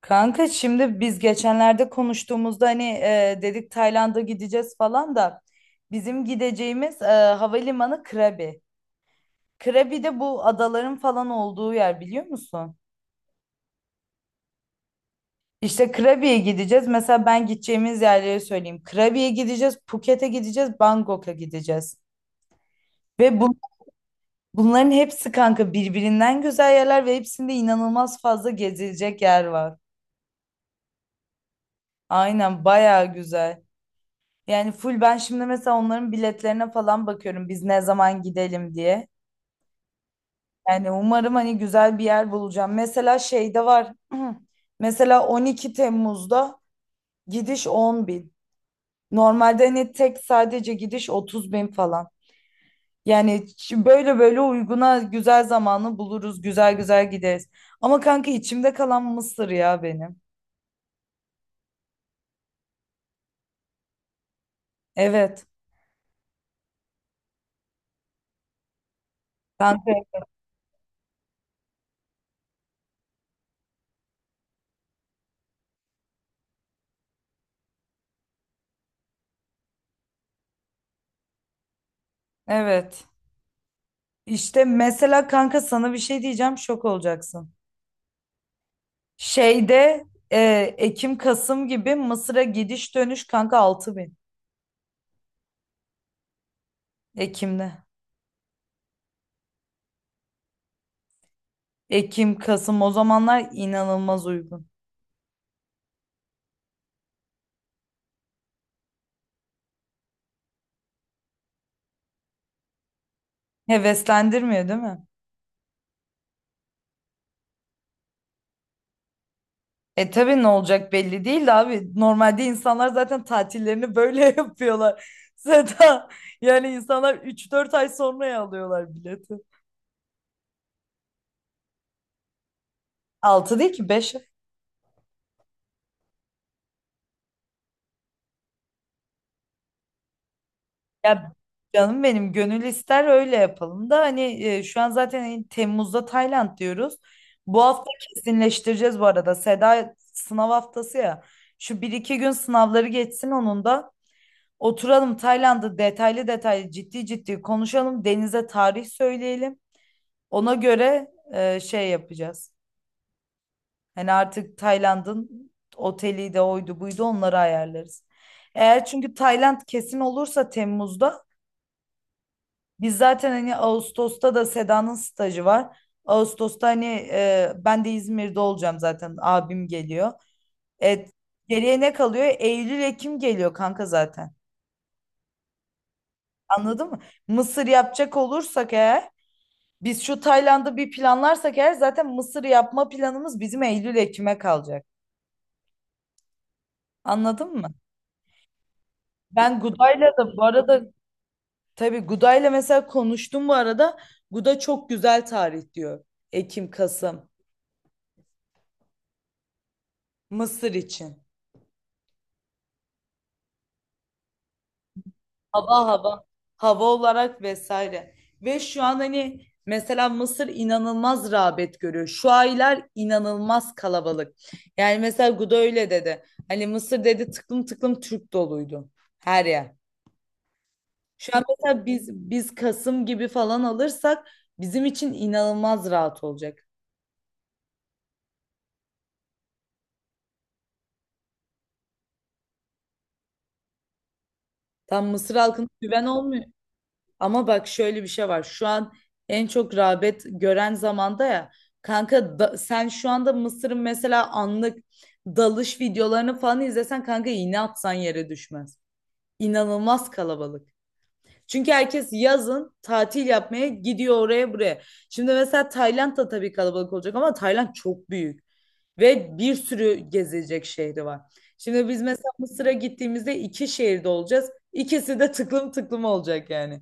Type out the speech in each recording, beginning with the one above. Kanka, şimdi biz geçenlerde konuştuğumuzda hani dedik Tayland'a gideceğiz falan da bizim gideceğimiz havalimanı Krabi. Krabi de bu adaların falan olduğu yer, biliyor musun? İşte Krabi'ye gideceğiz. Mesela ben gideceğimiz yerleri söyleyeyim. Krabi'ye gideceğiz, Phuket'e gideceğiz, Bangkok'a gideceğiz. Ve bu, bunların hepsi kanka birbirinden güzel yerler ve hepsinde inanılmaz fazla gezilecek yer var. Aynen, bayağı güzel. Yani full ben şimdi mesela onların biletlerine falan bakıyorum, biz ne zaman gidelim diye. Yani umarım hani güzel bir yer bulacağım. Mesela şeyde var. Mesela 12 Temmuz'da gidiş 10 bin. Normalde hani tek sadece gidiş 30 bin falan. Yani böyle böyle uyguna güzel zamanı buluruz. Güzel güzel gideriz. Ama kanka içimde kalan Mısır ya benim. Evet. Kanka evet. İşte mesela kanka sana bir şey diyeceğim, şok olacaksın. Şeyde e, Ekim Kasım gibi Mısır'a gidiş dönüş kanka 6.000. Ekim'de. Ekim Kasım, o zamanlar inanılmaz uygun. Heveslendirmiyor değil mi? E tabii ne olacak belli değil de abi. Normalde insanlar zaten tatillerini böyle yapıyorlar. Zaten yani insanlar 3-4 ay sonraya alıyorlar bileti. Altı değil ki 5. Ya, canım benim, gönül ister öyle yapalım da hani şu an zaten Temmuz'da Tayland diyoruz. Bu hafta kesinleştireceğiz bu arada. Seda sınav haftası ya. Şu bir iki gün sınavları geçsin onun da. Oturalım, Tayland'ı detaylı detaylı ciddi ciddi konuşalım. Deniz'e tarih söyleyelim. Ona göre şey yapacağız. Hani artık Tayland'ın oteli de oydu buydu, onları ayarlarız. Eğer çünkü Tayland kesin olursa Temmuz'da, biz zaten hani Ağustos'ta da Seda'nın stajı var. Ağustos'ta hani ben de İzmir'de olacağım zaten. Abim geliyor. Evet. Geriye ne kalıyor? Eylül, Ekim geliyor kanka zaten. Anladın mı? Mısır yapacak olursak eğer, biz şu Tayland'ı bir planlarsak eğer zaten Mısır yapma planımız bizim Eylül, Ekim'e kalacak. Anladın mı? Ben Guda'yla da bu arada, tabii Guda'yla mesela konuştum bu arada. Guda çok güzel tarih diyor. Ekim, Kasım. Mısır için. Hava, hava. Hava olarak vesaire. Ve şu an hani mesela Mısır inanılmaz rağbet görüyor. Şu aylar inanılmaz kalabalık. Yani mesela Guda öyle dedi. Hani Mısır, dedi, tıklım tıklım Türk doluydu her yer. Şu an mesela biz Kasım gibi falan alırsak, bizim için inanılmaz rahat olacak. Tam Mısır halkına güven olmuyor. Ama bak şöyle bir şey var. Şu an en çok rağbet gören zamanda ya. Kanka sen şu anda Mısır'ın mesela anlık dalış videolarını falan izlesen, kanka iğne atsan yere düşmez. İnanılmaz kalabalık. Çünkü herkes yazın tatil yapmaya gidiyor oraya buraya. Şimdi mesela Tayland da tabii kalabalık olacak ama Tayland çok büyük ve bir sürü gezilecek şehri var. Şimdi biz mesela Mısır'a gittiğimizde iki şehirde olacağız. İkisi de tıklım tıklım olacak yani.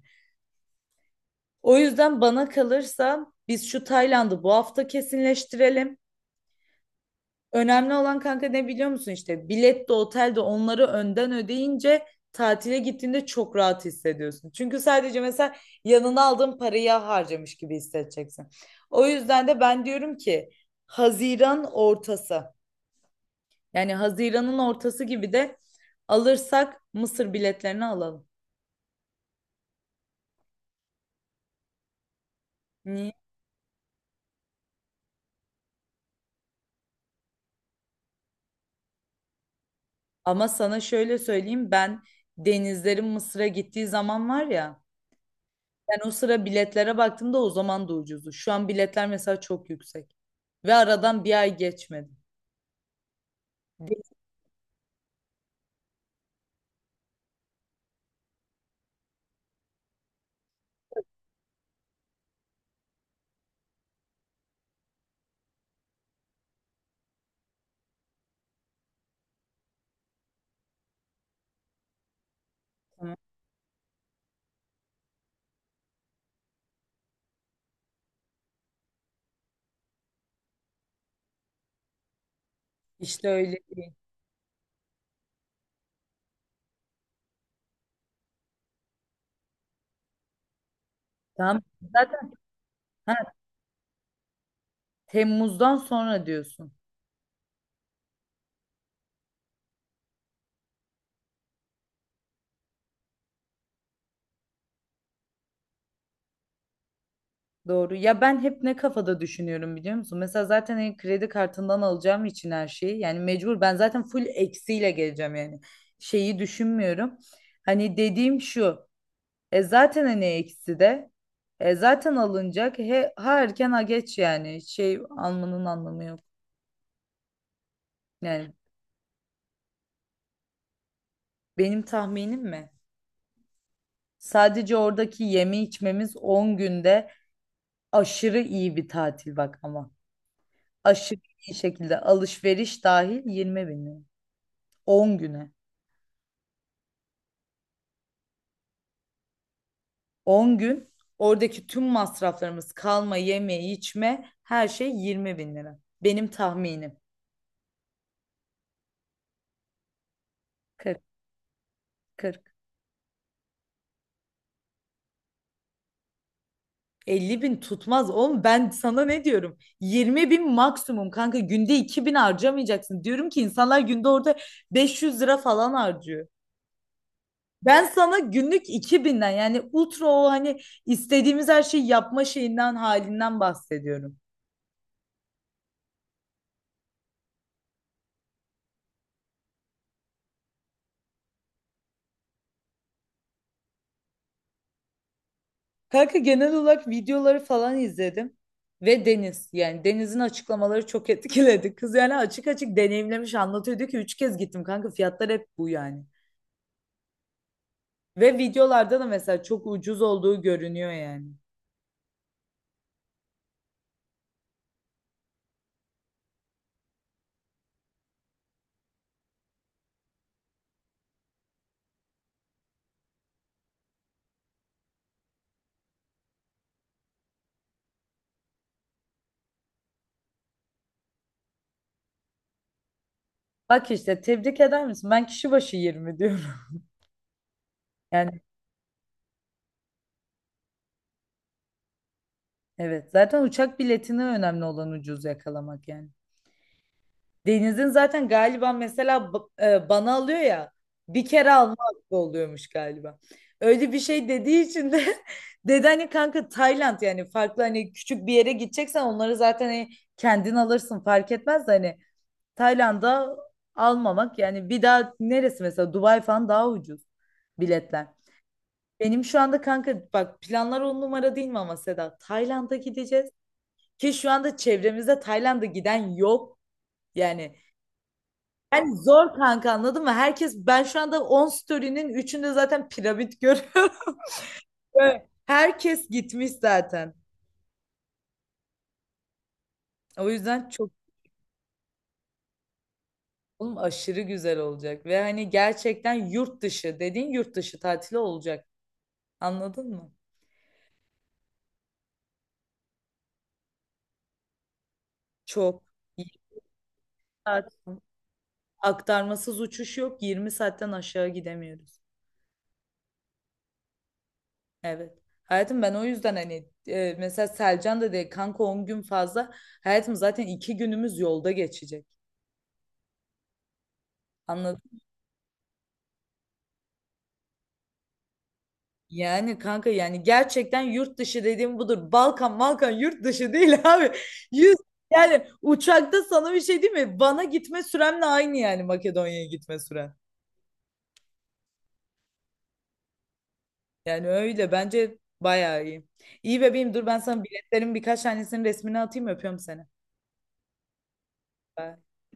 O yüzden bana kalırsa biz şu Tayland'ı bu hafta kesinleştirelim. Önemli olan kanka ne biliyor musun, işte bilet de otel de, onları önden ödeyince tatile gittiğinde çok rahat hissediyorsun. Çünkü sadece mesela yanına aldığın parayı harcamış gibi hissedeceksin. O yüzden de ben diyorum ki Haziran ortası, yani Haziran'ın ortası gibi de alırsak Mısır biletlerini alalım. Niye? Ama sana şöyle söyleyeyim, ben denizlerin Mısır'a gittiği zaman var ya, ben o sıra biletlere baktığımda o zaman da ucuzdu. Şu an biletler mesela çok yüksek. Ve aradan bir ay geçmedi. Değil mi? İşte öyle değil. Tamam. Zaten, ha, Temmuz'dan sonra diyorsun. Doğru. Ya ben hep ne kafada düşünüyorum, biliyor musun? Mesela zaten hani kredi kartından alacağım için her şeyi. Yani mecbur ben zaten full eksiyle geleceğim yani. Şeyi düşünmüyorum. Hani dediğim şu. E zaten hani eksi de. E zaten alınacak. He, ha erken ha geç yani. Şey almanın anlamı yok. Yani benim tahminim mi? Sadece oradaki yeme içmemiz 10 günde, aşırı iyi bir tatil bak ama. Aşırı iyi şekilde alışveriş dahil 20.000 lira. 10 güne. 10 gün oradaki tüm masraflarımız kalma, yeme, içme, her şey 20.000 lira. Benim tahminim. 40, 40. 50.000 tutmaz oğlum, ben sana ne diyorum, 20.000 maksimum kanka, günde 2.000 harcamayacaksın diyorum ki insanlar günde orada 500 lira falan harcıyor. Ben sana günlük 2.000'den, yani ultra o hani istediğimiz her şeyi yapma şeyinden halinden bahsediyorum. Kanka genel olarak videoları falan izledim ve Deniz, yani Deniz'in açıklamaları çok etkiledi. Kız yani açık açık deneyimlemiş anlatıyor, diyor ki 3 kez gittim kanka, fiyatlar hep bu yani. Ve videolarda da mesela çok ucuz olduğu görünüyor yani. Bak işte, tebrik eder misin? Ben kişi başı 20 diyorum. Yani evet, zaten uçak biletine, önemli olan ucuz yakalamak yani. Deniz'in zaten galiba mesela bana alıyor ya, bir kere alma hakkı oluyormuş galiba. Öyle bir şey dediği için de dedi hani kanka Tayland, yani farklı hani küçük bir yere gideceksen onları zaten hani kendin alırsın, fark etmez de hani Tayland'a almamak, yani bir daha neresi mesela Dubai falan daha ucuz biletler. Benim şu anda kanka bak planlar on numara değil mi, ama Seda Tayland'a gideceğiz ki şu anda çevremizde Tayland'a giden yok yani, yani zor kanka, anladın mı? Herkes, ben şu anda 10 story'nin üçünde zaten piramit görüyorum. Ve herkes gitmiş zaten. O yüzden çok oğlum aşırı güzel olacak ve hani gerçekten yurt dışı dediğin yurt dışı tatili olacak. Anladın mı? Çok. 20 saat aktarmasız uçuş yok. 20 saatten aşağı gidemiyoruz. Evet. Hayatım, ben o yüzden hani mesela Selcan da dedi kanka 10 gün fazla. Hayatım zaten 2 günümüz yolda geçecek. Anladın. Yani kanka, yani gerçekten yurt dışı dediğim budur. Balkan Balkan yurt dışı değil abi. Yüz, yani uçakta sana bir şey değil mi? Van'a gitme süremle aynı, yani Makedonya'ya gitme süren. Yani öyle bence bayağı iyi. İyi bebeğim, dur ben sana biletlerin birkaç tanesinin resmini atayım, öpüyorum seni. Bye.